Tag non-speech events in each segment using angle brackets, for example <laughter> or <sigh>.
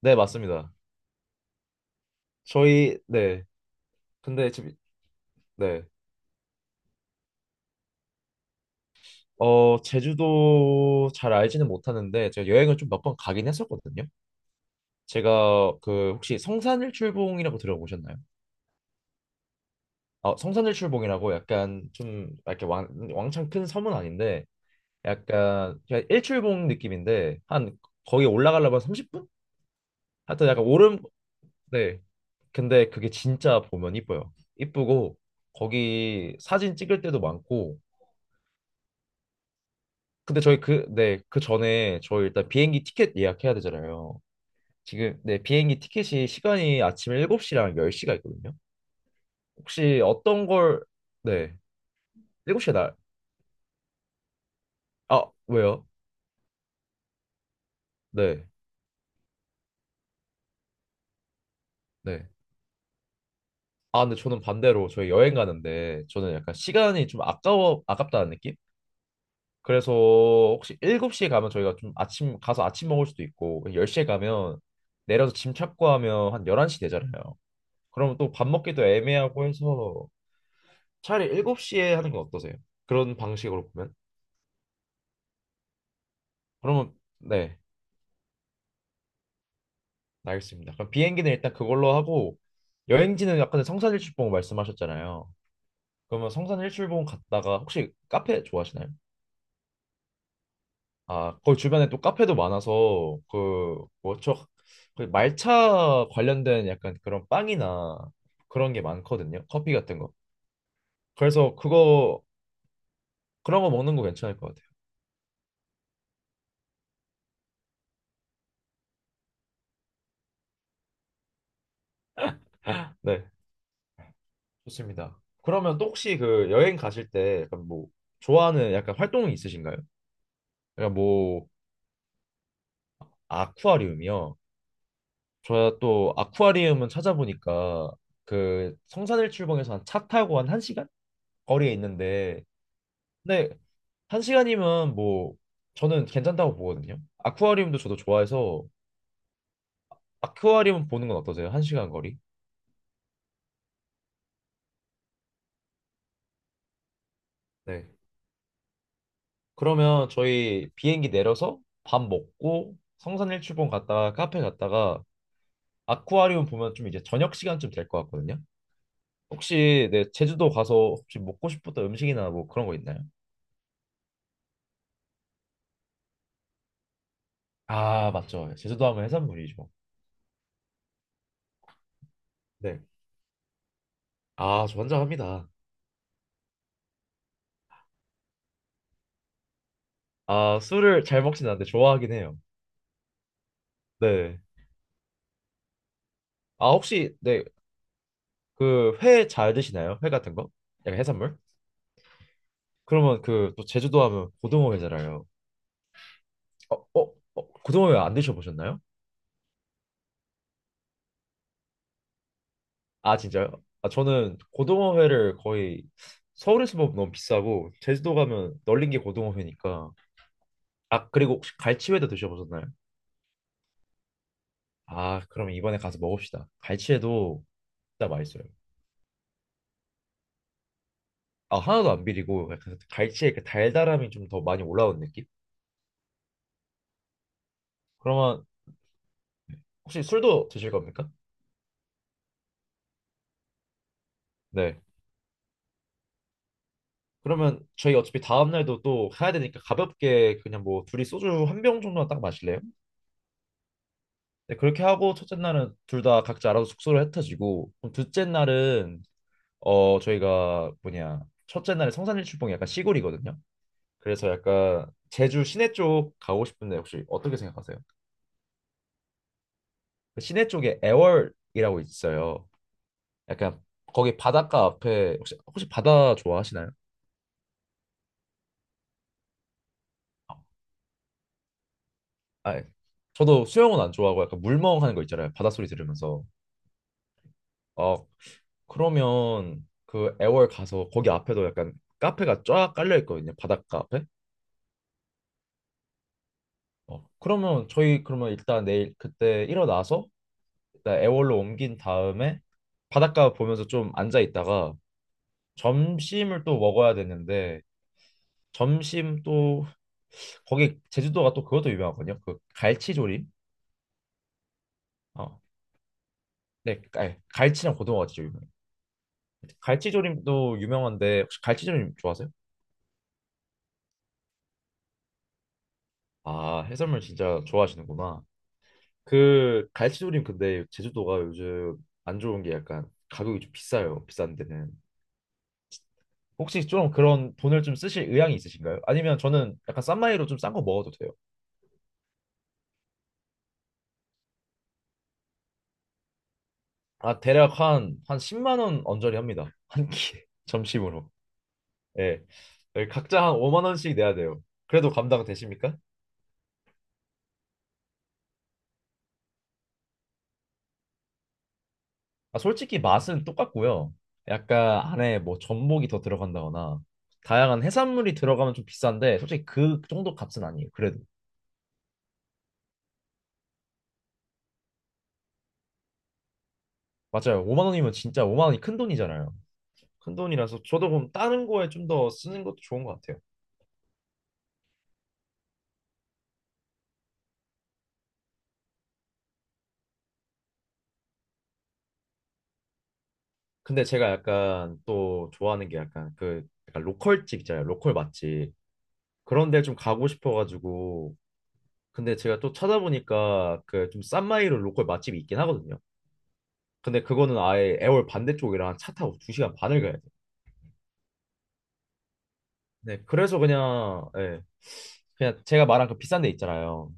네, 맞습니다. 저희, 네. 근데 지금, 네. 어, 제주도 잘 알지는 못하는데, 제가 여행을 좀 몇 번 가긴 했었거든요. 제가 그, 혹시 성산일출봉이라고 들어보셨나요? 아, 성산일출봉이라고 약간 좀, 이렇게 왕창 큰 섬은 아닌데, 약간, 그냥 일출봉 느낌인데, 한, 거기 올라가려면 30분? 하여튼 약간 오름, 네. 근데 그게 진짜 보면 이뻐요. 이쁘고, 거기 사진 찍을 때도 많고, 근데 저희 그, 네, 그 전에 저희 일단 비행기 티켓 예약해야 되잖아요. 지금, 네, 비행기 티켓이 시간이 아침 7시랑 10시가 있거든요. 혹시 어떤 걸, 네, 7시에 날, 아, 왜요? 네, 네. 아, 근데 저는 반대로 저희 여행 가는데 저는 약간 시간이 좀 아까워, 아깝다는 느낌? 그래서 혹시 7시에 가면 저희가 좀 아침, 가서 아침 먹을 수도 있고, 10시에 가면 내려서 짐 찾고 하면 한 11시 되잖아요. 그러면 또 밥 먹기도 애매하고 해서 차라리 7시에 하는 건 어떠세요? 그런 방식으로 보면. 그러면 네, 알겠습니다. 그럼 비행기는 일단 그걸로 하고 여행지는 약간 성산일출봉 말씀하셨잖아요. 그러면 성산일출봉 갔다가 혹시 카페 좋아하시나요? 아, 거기 주변에 또 카페도 많아서 그 뭐죠? 그 말차 관련된 약간 그런 빵이나 그런 게 많거든요. 커피 같은 거. 그래서 그거 그런 거 먹는 거 괜찮을 것 같아요. 네. 좋습니다. 그러면 또 혹시 그 여행 가실 때 약간 뭐 좋아하는 약간 활동이 있으신가요? 약간 뭐 아쿠아리움이요. 저또 아쿠아리움은 찾아보니까 그 성산일출봉에서 한 차 타고 한 1시간 거리에 있는데 근데 1시간이면 뭐 저는 괜찮다고 보거든요. 아쿠아리움도 저도 좋아해서 아쿠아리움 보는 건 어떠세요? 1시간 거리? 네. 그러면 저희 비행기 내려서 밥 먹고 성산일출봉 갔다가 카페 갔다가 아쿠아리움 보면 좀 이제 저녁 시간쯤 될 것 같거든요. 혹시 네, 제주도 가서 혹시 먹고 싶었던 음식이나 뭐 그런 거 있나요? 아, 맞죠. 제주도 하면 해산물이죠. 네. 아, 저 환장합니다. 아, 술을 잘 먹진 않는데 좋아하긴 해요. 네. 아, 혹시 네, 그 회 잘 드시나요? 회 같은 거? 약간 해산물? 그러면 그 또 제주도 하면 고등어 회잖아요. 어, 어, 어, 고등어 회 안 드셔보셨나요? 아 진짜요? 아 저는 고등어회를 거의 서울에서 먹으면 너무 비싸고 제주도 가면 널린 게 고등어회니까 아 그리고 혹시 갈치회도 드셔보셨나요? 아 그럼 이번에 가서 먹읍시다. 갈치회도 진짜 맛있어요. 아 하나도 안 비리고 약간 갈치의 그 달달함이 좀 더 많이 올라오는 느낌? 그러면 혹시 술도 드실 겁니까? 네. 그러면 저희 어차피 다음 날도 또 가야 되니까 가볍게 그냥 뭐 둘이 소주 한 병 정도만 딱 마실래요? 네, 그렇게 하고 첫째 날은 둘 다 각자 알아서 숙소를 흩어지고 그럼 둘째 날은 어 저희가 뭐냐 첫째 날에 성산일출봉이 약간 시골이거든요. 그래서 약간 제주 시내 쪽 가고 싶은데 혹시 어떻게 생각하세요? 그 시내 쪽에 애월이라고 있어요. 약간 거기 바닷가 앞에 혹시 바다 좋아하시나요? 아, 예. 저도 수영은 안 좋아하고 약간 물멍하는 거 있잖아요. 바닷소리 들으면서. 어, 그러면 그 애월 가서 거기 앞에도 약간 카페가 쫙 깔려 있거든요. 바닷가 앞에. 어, 그러면 저희 그러면 일단 내일 그때 일어나서 일단 애월로 옮긴 다음에 바닷가 보면서 좀 앉아 있다가 점심을 또 먹어야 되는데 점심 또 거기 제주도가 또 그것도 유명하거든요. 그 갈치조림. 어, 네, 갈치랑 고등어가 진짜 유명해요. 갈치조림도 유명한데 혹시 갈치조림 좋아하세요? 아, 해산물 진짜 좋아하시는구나. 그 갈치조림 근데 제주도가 요즘 안 좋은 게 약간 가격이 좀 비싸요. 비싼 데는. 혹시 좀 그런 돈을 좀 쓰실 의향이 있으신가요? 아니면 저는 약간 싼 마이로 좀 싼 거 먹어도 돼요. 아, 대략 한 10만 원 언저리 합니다. 한 끼에 <laughs> 점심으로. 예. 예, 각자 한 5만 원씩 내야 돼요. 그래도 감당 되십니까? 아, 솔직히 맛은 똑같고요. 약간 안에 뭐 전복이 더 들어간다거나 다양한 해산물이 들어가면 좀 비싼데 솔직히 그 정도 값은 아니에요. 그래도. 맞아요. 5만 원이면 진짜 5만 원이 큰 돈이잖아요. 큰 돈이라서 저도 그럼 다른 거에 좀 더 쓰는 것도 좋은 것 같아요. 근데 제가 약간 또 좋아하는 게 약간 그 약간 로컬집 있잖아요. 로컬 맛집. 그런 데 좀 가고 싶어가지고. 근데 제가 또 찾아보니까 그 좀 싼 마이로 로컬 맛집이 있긴 하거든요. 근데 그거는 아예 애월 반대쪽이랑 차 타고 2시간 반을 가야 돼요. 네, 그래서 그냥, 예, 그냥 제가 말한 그 비싼 데 있잖아요.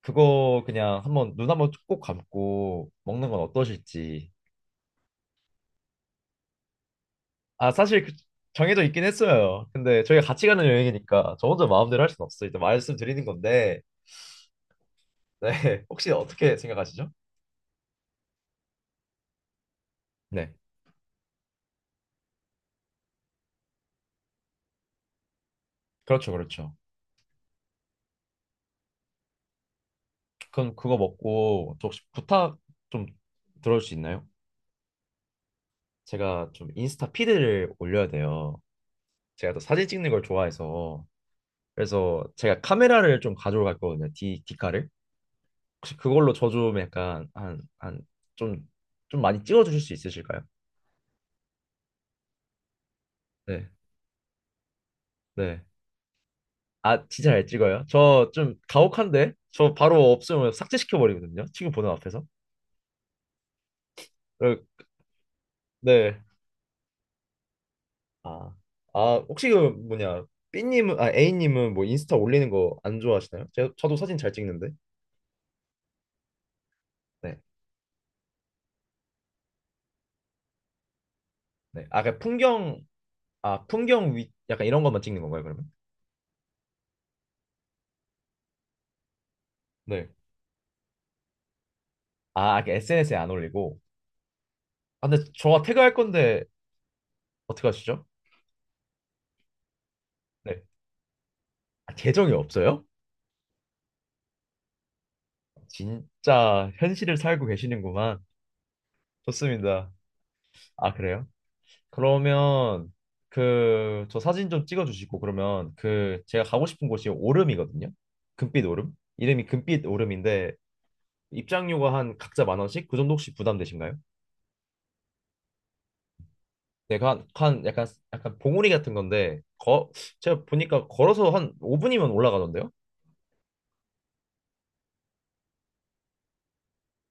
그거 그냥 한번 눈 한번 꼭 감고 먹는 건 어떠실지. 아, 사실 정해져 있긴 했어요. 근데 저희가 같이 가는 여행이니까 저 혼자 마음대로 할 수는 없어. 일단 말씀드리는 건데, 네. <laughs> 혹시 어떻게 생각하시죠? 네, 그렇죠, 그렇죠. 그럼 그거 먹고 저 혹시 부탁 좀 들어줄 수 있나요? 제가 좀 인스타 피드를 올려야 돼요. 제가 또 사진 찍는 걸 좋아해서. 그래서 제가 카메라를 좀 가져올 거거든요. 디카를. 혹시 그걸로 저 좀 약간 좀, 좀 많이 찍어주실 수 있으실까요? 네. 네. 아, 진짜 잘 찍어요? 저 좀 가혹한데? 저 바로 없으면 삭제시켜버리거든요. 친구 보는 앞에서. 그리고- 네. 아, 아, 혹시 그 뭐냐, A님은 뭐 인스타 올리는 거 안 좋아하시나요? 저도 사진 잘 찍는데. 네. 네. 아, 풍경 위, 약간 이런 것만 찍는 건가요, 그러면? 네. 아, SNS에 안 올리고. 아, 근데 저가 태그할 건데, 어떻게 하시죠? 네. 아, 계정이 없어요? 진짜 현실을 살고 계시는구만. 좋습니다. 아, 그래요? 그러면 그 저 사진 좀 찍어주시고 그러면 그 제가 가고 싶은 곳이 오름이거든요. 금빛 오름. 이름이 금빛 오름인데 입장료가 한 각자 만 원씩 그 정도 혹시 부담되신가요? 네, 그 한, 한 약간 약간 봉우리 같은 건데 거 제가 보니까 걸어서 한 5분이면 올라가던데요?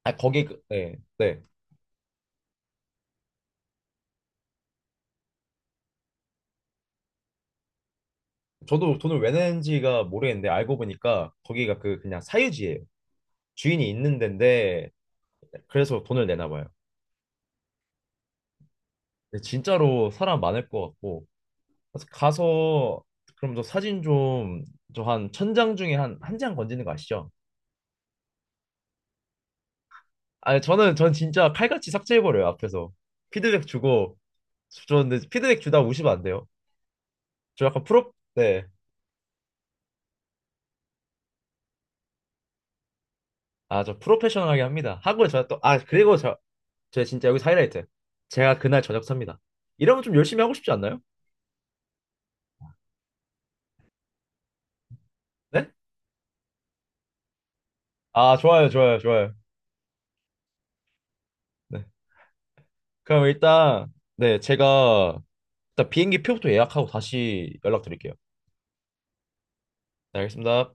아 거기 네, 네. 저도 돈을 왜 낸지가 모르겠는데 알고 보니까 거기가 그 그냥 사유지예요. 주인이 있는 데인데 그래서 돈을 내나 봐요. 근데 진짜로 사람 많을 것 같고 그래서 가서 그럼 저 사진 좀 저 한 천장 중에 한 한 장 건지는 거 아시죠? 아니 저는 전 진짜 칼같이 삭제해버려요 앞에서 피드백 주고 저 근데 피드백 주다 우시면 안 돼요. 저 약간 프로 네. 아 저 프로페셔널하게 합니다. 하고 제가 또 아 그리고 제가 진짜 여기서 하이라이트 제가 그날 저녁 삽니다. 이러면 좀 열심히 하고 싶지 않나요? 네? 아 좋아요 좋아요 좋아요. 네. 그럼 일단 네 제가 일단 비행기 표부터 예약하고 다시 연락드릴게요. 네 알겠습니다.